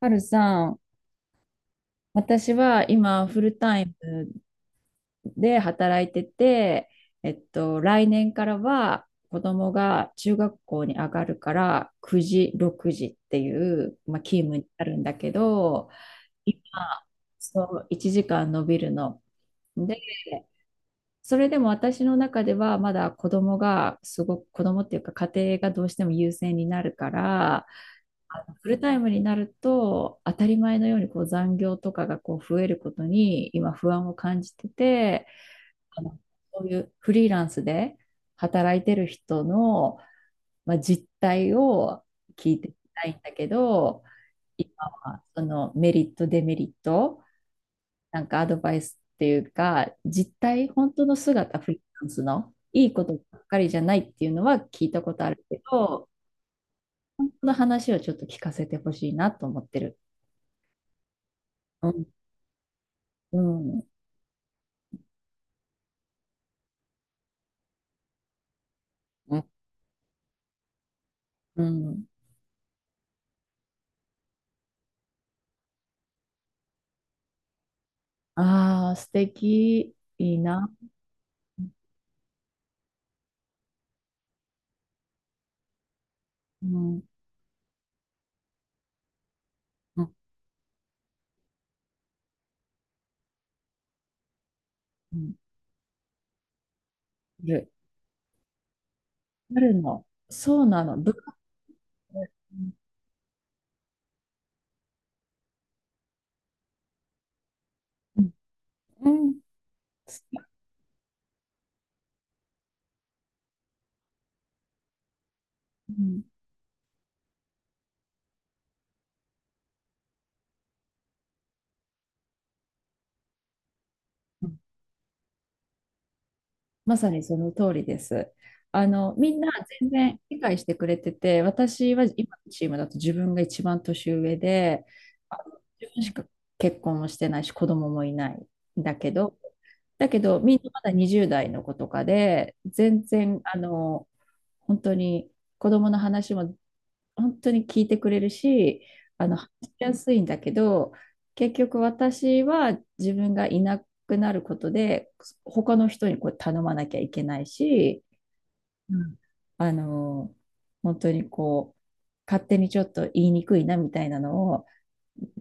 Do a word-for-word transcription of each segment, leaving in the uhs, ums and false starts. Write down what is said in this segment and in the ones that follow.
はるさん、私は今フルタイムで働いてて、えっと、来年からは子供が中学校に上がるからくじ、ろくじっていう、まあ、勤務になるんだけど、今、そう、いちじかん伸びるの。で、それでも私の中ではまだ子供がすごく、子供っていうか家庭がどうしても優先になるから、あのフルタイムになると当たり前のようにこう残業とかがこう増えることに今不安を感じてて、あのそういうフリーランスで働いてる人の、まあ、実態を聞いてみたいんだけど、今はそのメリットデメリット、なんかアドバイスっていうか実態、本当の姿、フリーランスのいいことばっかりじゃないっていうのは聞いたことあるけど、その話をちょっと聞かせてほしいなと思ってる。うんうん。うんうん。ああ、素敵。いいな。うん。うんうん、いる。あるの。そうなの。部活、うん。うん。うん、うん、まさにその通りです。あの、みんな全然理解してくれてて、私は今のチームだと自分が一番年上で、あの自分しか結婚もしてないし、子供もいないんだけど、だけど、みんなまだにじゅう代の子とかで、全然、あの、本当に子供の話も本当に聞いてくれるし、あの、話しやすいんだけど、結局私は自分がいなくなることで、他の人にこう頼まなきゃいけないし、うん、あの、本当にこう、勝手にちょっと言いにくいなみたいなのを、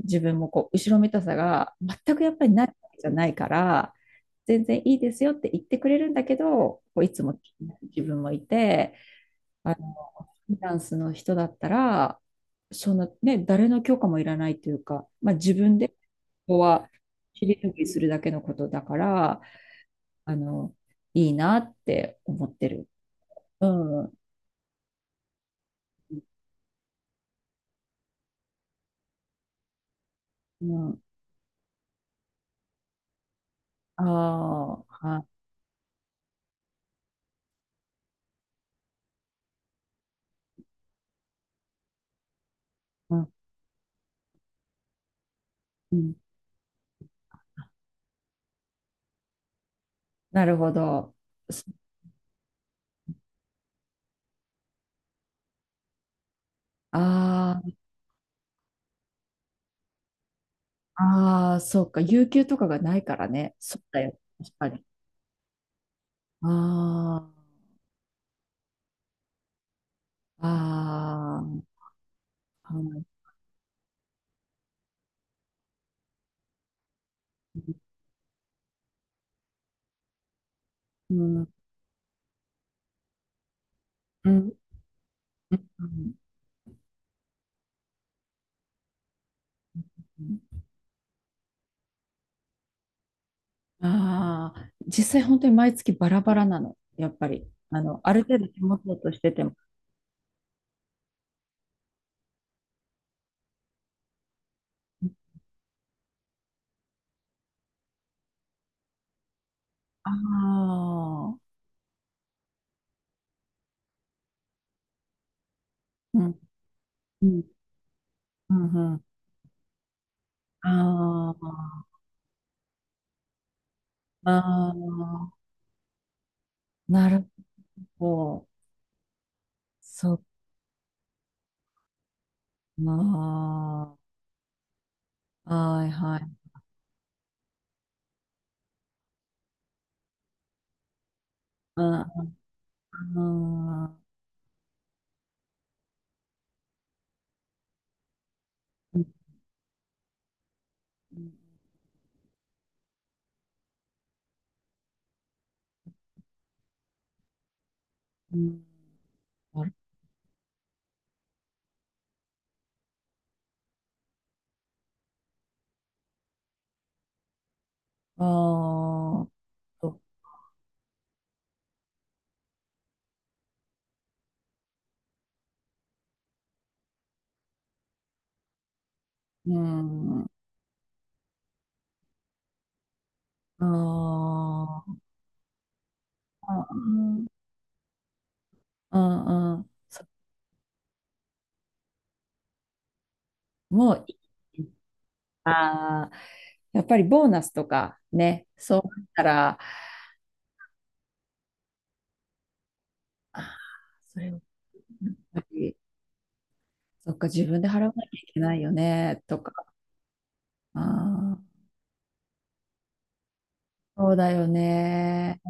自分もこう、後ろめたさが全くやっぱりないわけじゃないから、全然いいですよって言ってくれるんだけど、こういつも自分もいて、あの、フリーランスの人だったら、そのね、誰の許可もいらないというか、まあ、自分でここは尻拭きするだけのことだから、あの、いいなって思ってる。うん。うん。ああ、はい。うん。うん、なるほど。ああ、ああ、そうか。有給とかがないからね。そうだよ。確かに。ああ、ああ、はい。うん、うん、うん。うん、ああ、実際本当に毎月バラバラなの、やっぱり。あの、ある程度手元としてても。ああ、うん、うん、うん、うん。ああ、ああ、なるほど。そっか。はい、はい。ああ、うん、うん、ある、あー、と、うん、あー、あ、うん、うん、うん。そ、もういい、ああ、やっぱりボーナスとかね、そうなったら、あ、それを、やっぱり、そっか、自分で払わなきゃいけないよね、とか、あー、そうだよね。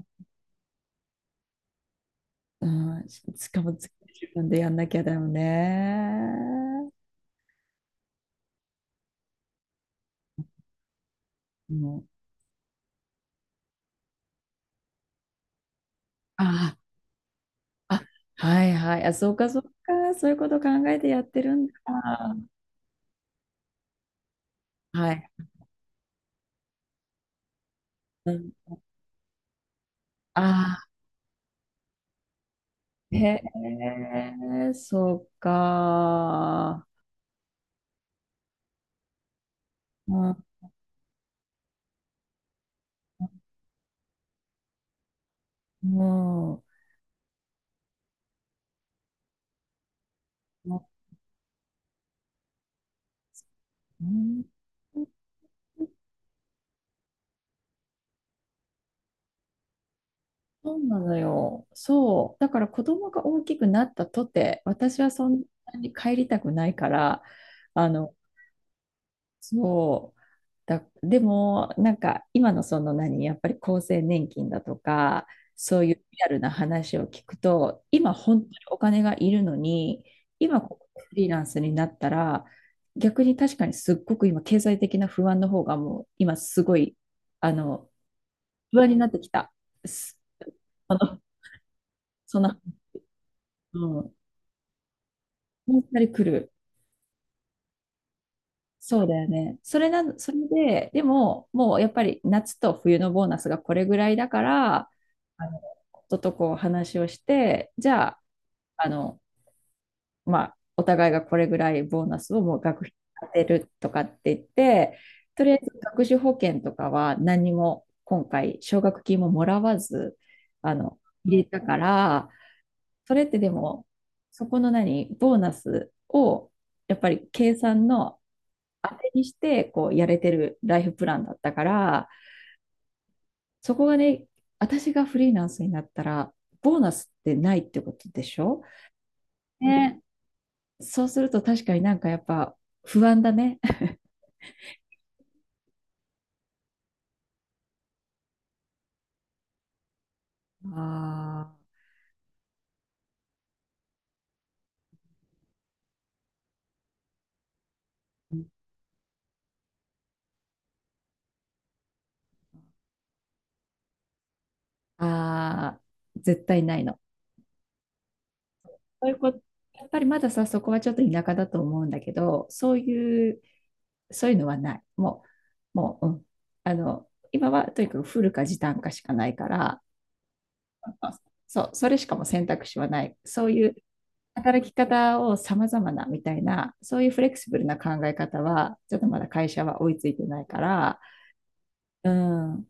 うん、し、しかも自分でやんなきゃだよね。うん、ああ、あ、はいはい。あ、そうかそうか。そういうこと考えてやってるんだ。はい。うん、ああ、へえ、そうか。うん、も、うん。うん、うん、そうなのよ。そう。だから子供が大きくなったとて、私はそんなに帰りたくないから、あの、そう。だ、でも、なんか今のその何、やっぱり厚生年金だとか、そういうリアルな話を聞くと、今本当にお金がいるのに、今ここでフリーランスになったら、逆に確かにすっごく今経済的な不安の方がもう今すごい、あの、不安になってきた。す、あのその、うん、やっぱり来る。そうだよね。それな、それで、でも、もうやっぱり夏と冬のボーナスがこれぐらいだから、あの、夫とこう話をして、じゃあ、あの、まあ、お互いがこれぐらいボーナスをもう学費に当てるとかって言って、とりあえず学資保険とかは何にも今回奨学金ももらわず、あの、入れたから、それってでも、そこの何、ボーナスを、やっぱり計算の当てにして、こう、やれてるライフプランだったから、そこがね、私がフリーランスになったら、ボーナスってないってことでしょね。そうすると確かになんかやっぱ不安だね。あー、あー、あ、絶対ないの。そういうこと、やっぱりまださ、そこはちょっと田舎だと思うんだけど、そういう、そういうのはない。もう、もう、うん。あの、今はとにかくフルか時短かしかないから、そう、それしかも選択肢はない。そういう働き方を様々なみたいな、そういうフレキシブルな考え方は、ちょっとまだ会社は追いついてないから、うん、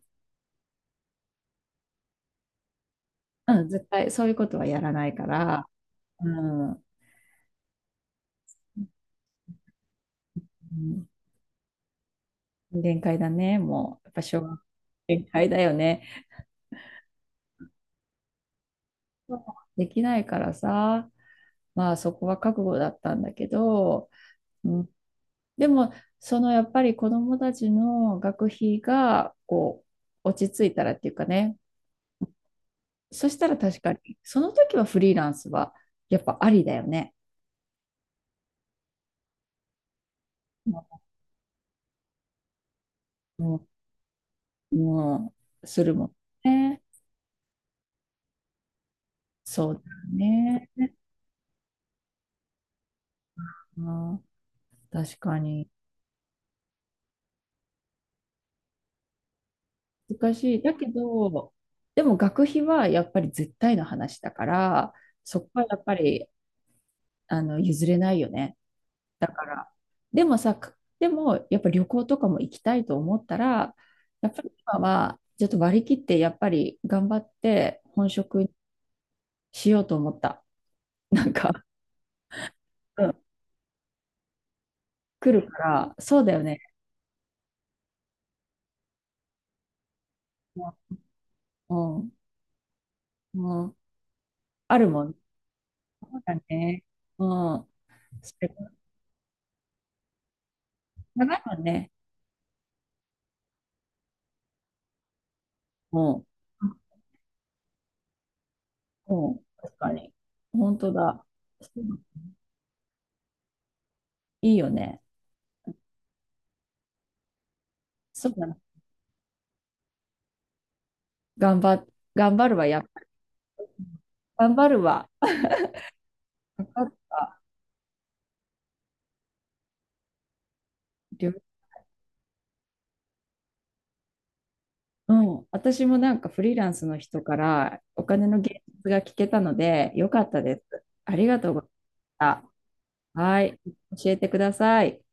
うん、絶対そういうことはやらないから、うん、うん、限界だね、もう、やっぱ小学、限界だよね。できないからさ、まあそこは覚悟だったんだけど、うん、でも、そのやっぱり子どもたちの学費がこう落ち着いたらっていうかね、そしたら確かに、その時はフリーランスはやっぱありだよね。もう、もうするもんね。そうだよね。あー、確かに。難しい。だけど、でも学費はやっぱり絶対の話だから、そこはやっぱりあの譲れないよね。だから。でもさ、か、でもやっぱ旅行とかも行きたいと思ったら、やっぱり今はちょっと割り切ってやっぱり頑張って本職しようと思った。なんか、うん、来るから、そうだよね。うん、うん、うん、あるもん。そうだね。うん。それ長いもんね。も、うん。うん。確かに。本当だ。そう、いいよね。そうだな。頑張、頑張るわ。やっぱ、頑張るわ。頑張るわ。旅、うん、私もなんかフリーランスの人からお金の現実が聞けたので、よかったです。ありがとうございました。はい、教えてください。